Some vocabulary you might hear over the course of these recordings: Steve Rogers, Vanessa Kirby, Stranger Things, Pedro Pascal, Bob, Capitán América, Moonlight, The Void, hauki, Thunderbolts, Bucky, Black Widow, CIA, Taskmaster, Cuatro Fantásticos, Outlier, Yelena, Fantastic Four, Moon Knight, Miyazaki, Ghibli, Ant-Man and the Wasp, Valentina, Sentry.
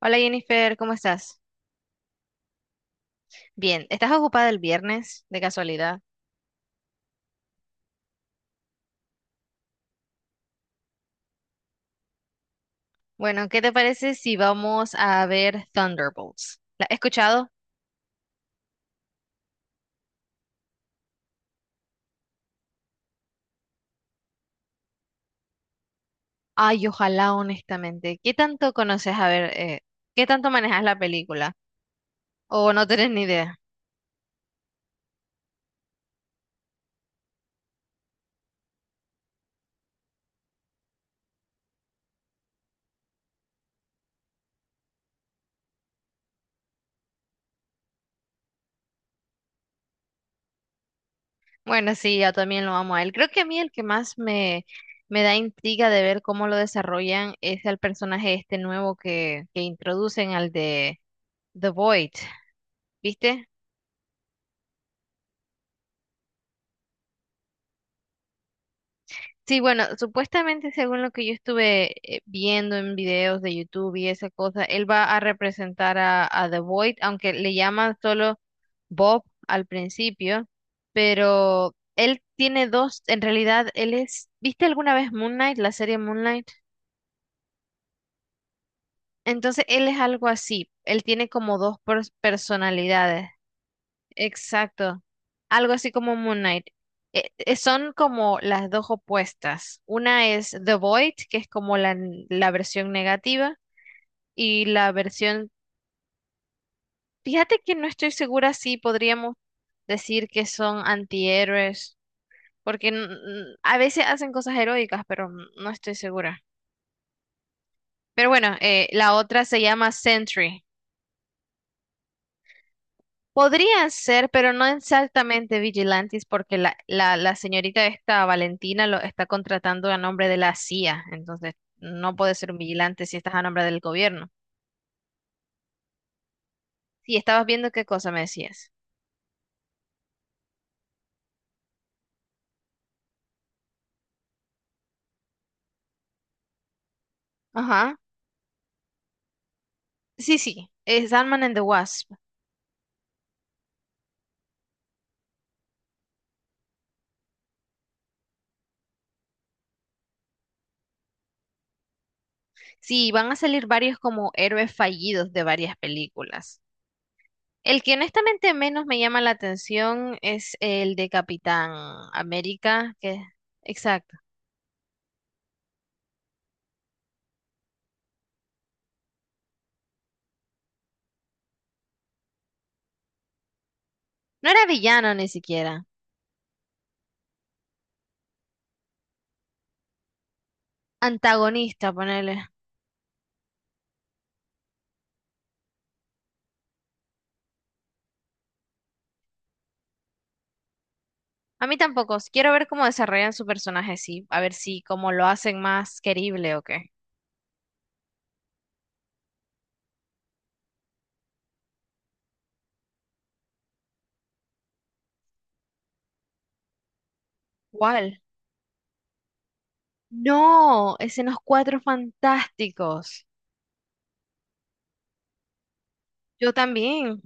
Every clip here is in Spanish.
Hola Jennifer, ¿cómo estás? Bien, ¿estás ocupada el viernes de casualidad? Bueno, ¿qué te parece si vamos a ver Thunderbolts? ¿La has escuchado? Ay, ojalá, honestamente. ¿Qué tanto conoces? A ver, ¿qué tanto manejas la película? ¿O no tenés ni idea? Bueno, sí, yo también lo amo a él. Creo que a mí el me da intriga de ver cómo lo desarrollan es el personaje este nuevo que introducen al de The Void, ¿viste? Sí, bueno, supuestamente según lo que yo estuve viendo en videos de YouTube y esa cosa, él va a representar a The Void, aunque le llaman solo Bob al principio, pero él tiene dos, en realidad él es, ¿viste alguna vez Moonlight, la serie Moonlight? Entonces él es algo así, él tiene como dos personalidades. Exacto. Algo así como Moon Knight. Son como las dos opuestas. Una es The Void, que es como la versión negativa, y la versión... Fíjate que no estoy segura si podríamos decir que son antihéroes, porque a veces hacen cosas heroicas, pero no estoy segura. Pero bueno, la otra se llama Sentry. Podrían ser, pero no exactamente vigilantes, porque la señorita esta Valentina lo está contratando a nombre de la CIA, entonces no puede ser un vigilante si estás a nombre del gobierno. Sí, estabas viendo qué cosa me decías. Ajá. Sí, sí, es Ant-Man and the Wasp. Sí, van a salir varios como héroes fallidos de varias películas. El que honestamente menos me llama la atención es el de Capitán América, que... Exacto. No era villano ni siquiera. Antagonista, ponele. A mí tampoco. Si quiero ver cómo desarrollan su personaje, sí. A ver si cómo lo hacen más querible o qué. ¿Cuál? No, es en los Cuatro Fantásticos. Yo también.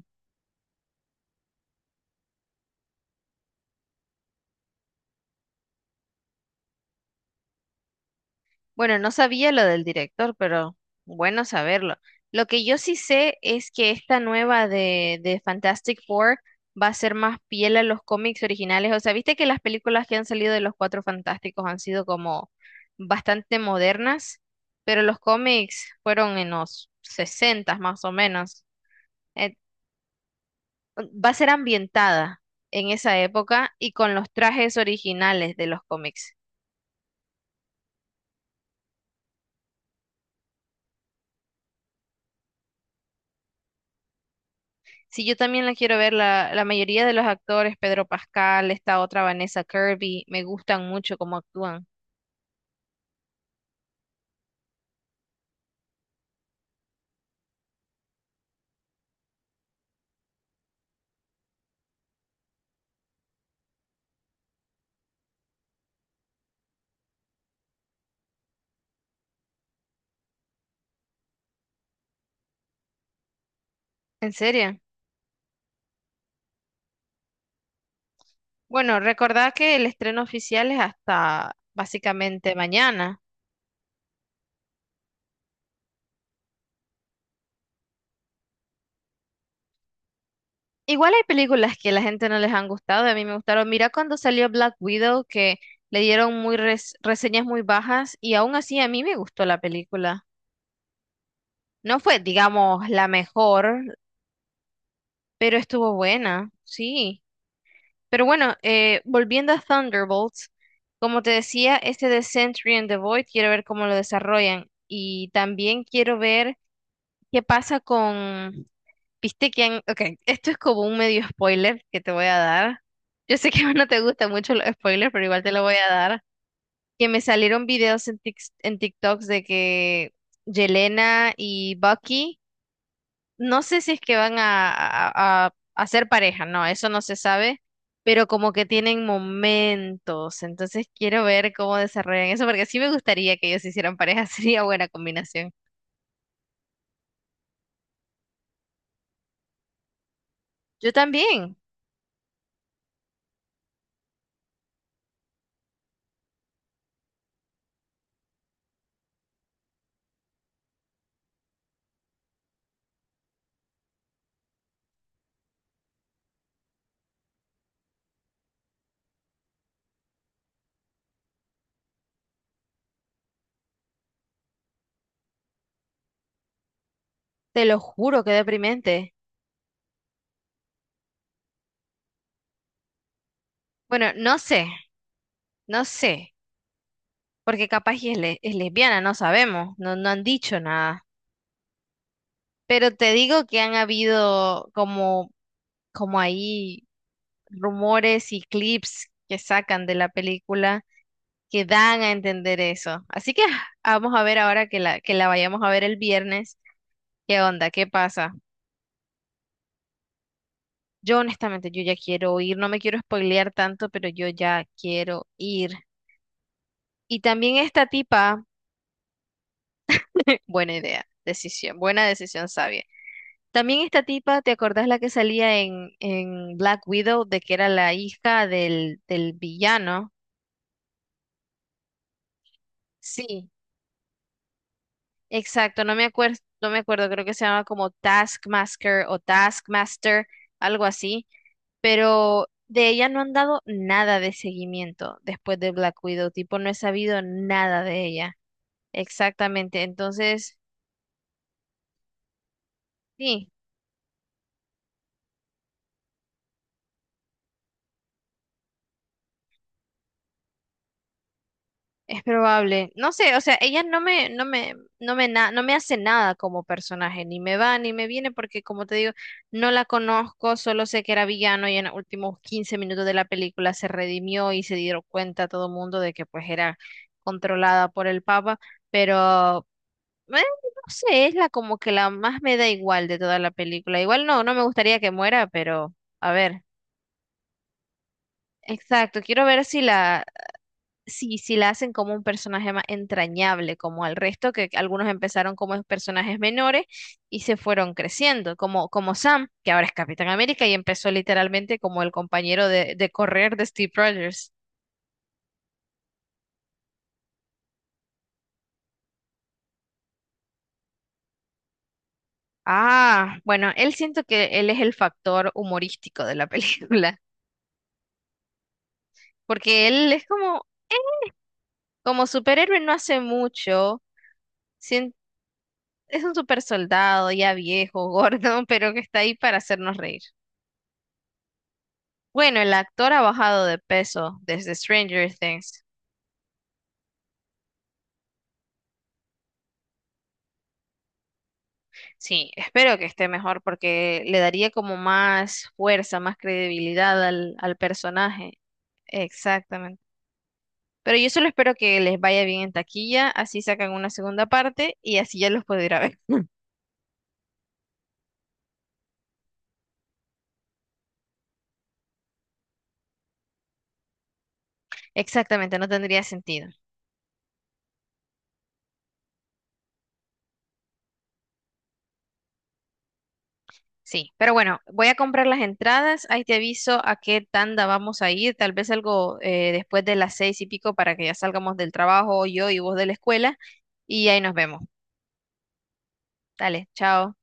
Bueno, no sabía lo del director, pero bueno saberlo. Lo que yo sí sé es que esta nueva de Fantastic Four va a ser más fiel a los cómics originales. O sea, viste que las películas que han salido de los Cuatro Fantásticos han sido como bastante modernas, pero los cómics fueron en los 60 más o menos. Eh, Va a ser ambientada en esa época y con los trajes originales de los cómics. Sí, yo también la quiero ver. La mayoría de los actores, Pedro Pascal, esta otra Vanessa Kirby, me gustan mucho cómo actúan. ¿En serio? Bueno, recordad que el estreno oficial es hasta básicamente mañana. Igual hay películas que a la gente no les han gustado, a mí me gustaron. Mira cuando salió Black Widow, que le dieron muy reseñas muy bajas y aún así a mí me gustó la película. No fue, digamos, la mejor, pero estuvo buena, sí. Pero bueno, volviendo a Thunderbolts, como te decía, este de Sentry and the Void, quiero ver cómo lo desarrollan. Y también quiero ver qué pasa con... Viste que han... Ok, esto es como un medio spoiler que te voy a dar. Yo sé que no te gustan mucho los spoilers, pero igual te lo voy a dar. Que me salieron videos en, en TikToks de que Yelena y Bucky no sé si es que van a ser pareja, no, eso no se sabe, pero como que tienen momentos, entonces quiero ver cómo desarrollan eso, porque sí me gustaría que ellos hicieran pareja, sería buena combinación. Yo también, te lo juro, qué deprimente. Bueno, no sé, porque capaz y es lesbiana, no sabemos, no, no han dicho nada, pero te digo que han habido como, como ahí rumores y clips que sacan de la película que dan a entender eso. Así que ah, vamos a ver ahora que la vayamos a ver el viernes. ¿Qué onda? ¿Qué pasa? Yo honestamente, yo ya quiero ir, no me quiero spoilear tanto, pero yo ya quiero ir. Y también esta tipa, buena idea, buena decisión sabia. También esta tipa, ¿te acordás la que salía en Black Widow, de que era la hija del villano? Sí, exacto, no me acuerdo, creo que se llama como Taskmaster o Taskmaster, algo así. Pero de ella no han dado nada de seguimiento después de Black Widow, tipo, no he sabido nada de ella. Exactamente, entonces, sí, es probable. No sé, o sea, ella no me, no me, no me, na- no me hace nada como personaje, ni me va ni me viene, porque como te digo, no la conozco, solo sé que era villano y en los últimos 15 minutos de la película se redimió y se dieron cuenta todo el mundo de que pues era controlada por el Papa, pero no sé, es la como que la más me da igual de toda la película. Igual no, no me gustaría que muera, pero a ver. Exacto, quiero ver si si la hacen como un personaje más entrañable, como al resto, que algunos empezaron como personajes menores y se fueron creciendo, como Sam, que ahora es Capitán América y empezó literalmente como el compañero de correr de Steve Rogers. Ah, bueno, él siento que él es el factor humorístico de la película, porque él es como como superhéroe no hace mucho, sien- es un super soldado ya viejo, gordo, pero que está ahí para hacernos reír. Bueno, el actor ha bajado de peso desde Stranger Things. Sí, espero que esté mejor porque le daría como más fuerza, más credibilidad al personaje. Exactamente. Pero yo solo espero que les vaya bien en taquilla, así sacan una segunda parte y así ya los puedo ir a ver. Exactamente, no tendría sentido. Sí, pero bueno, voy a comprar las entradas, ahí te aviso a qué tanda vamos a ir, tal vez algo después de las seis y pico para que ya salgamos del trabajo, yo y vos de la escuela, y ahí nos vemos. Dale, chao.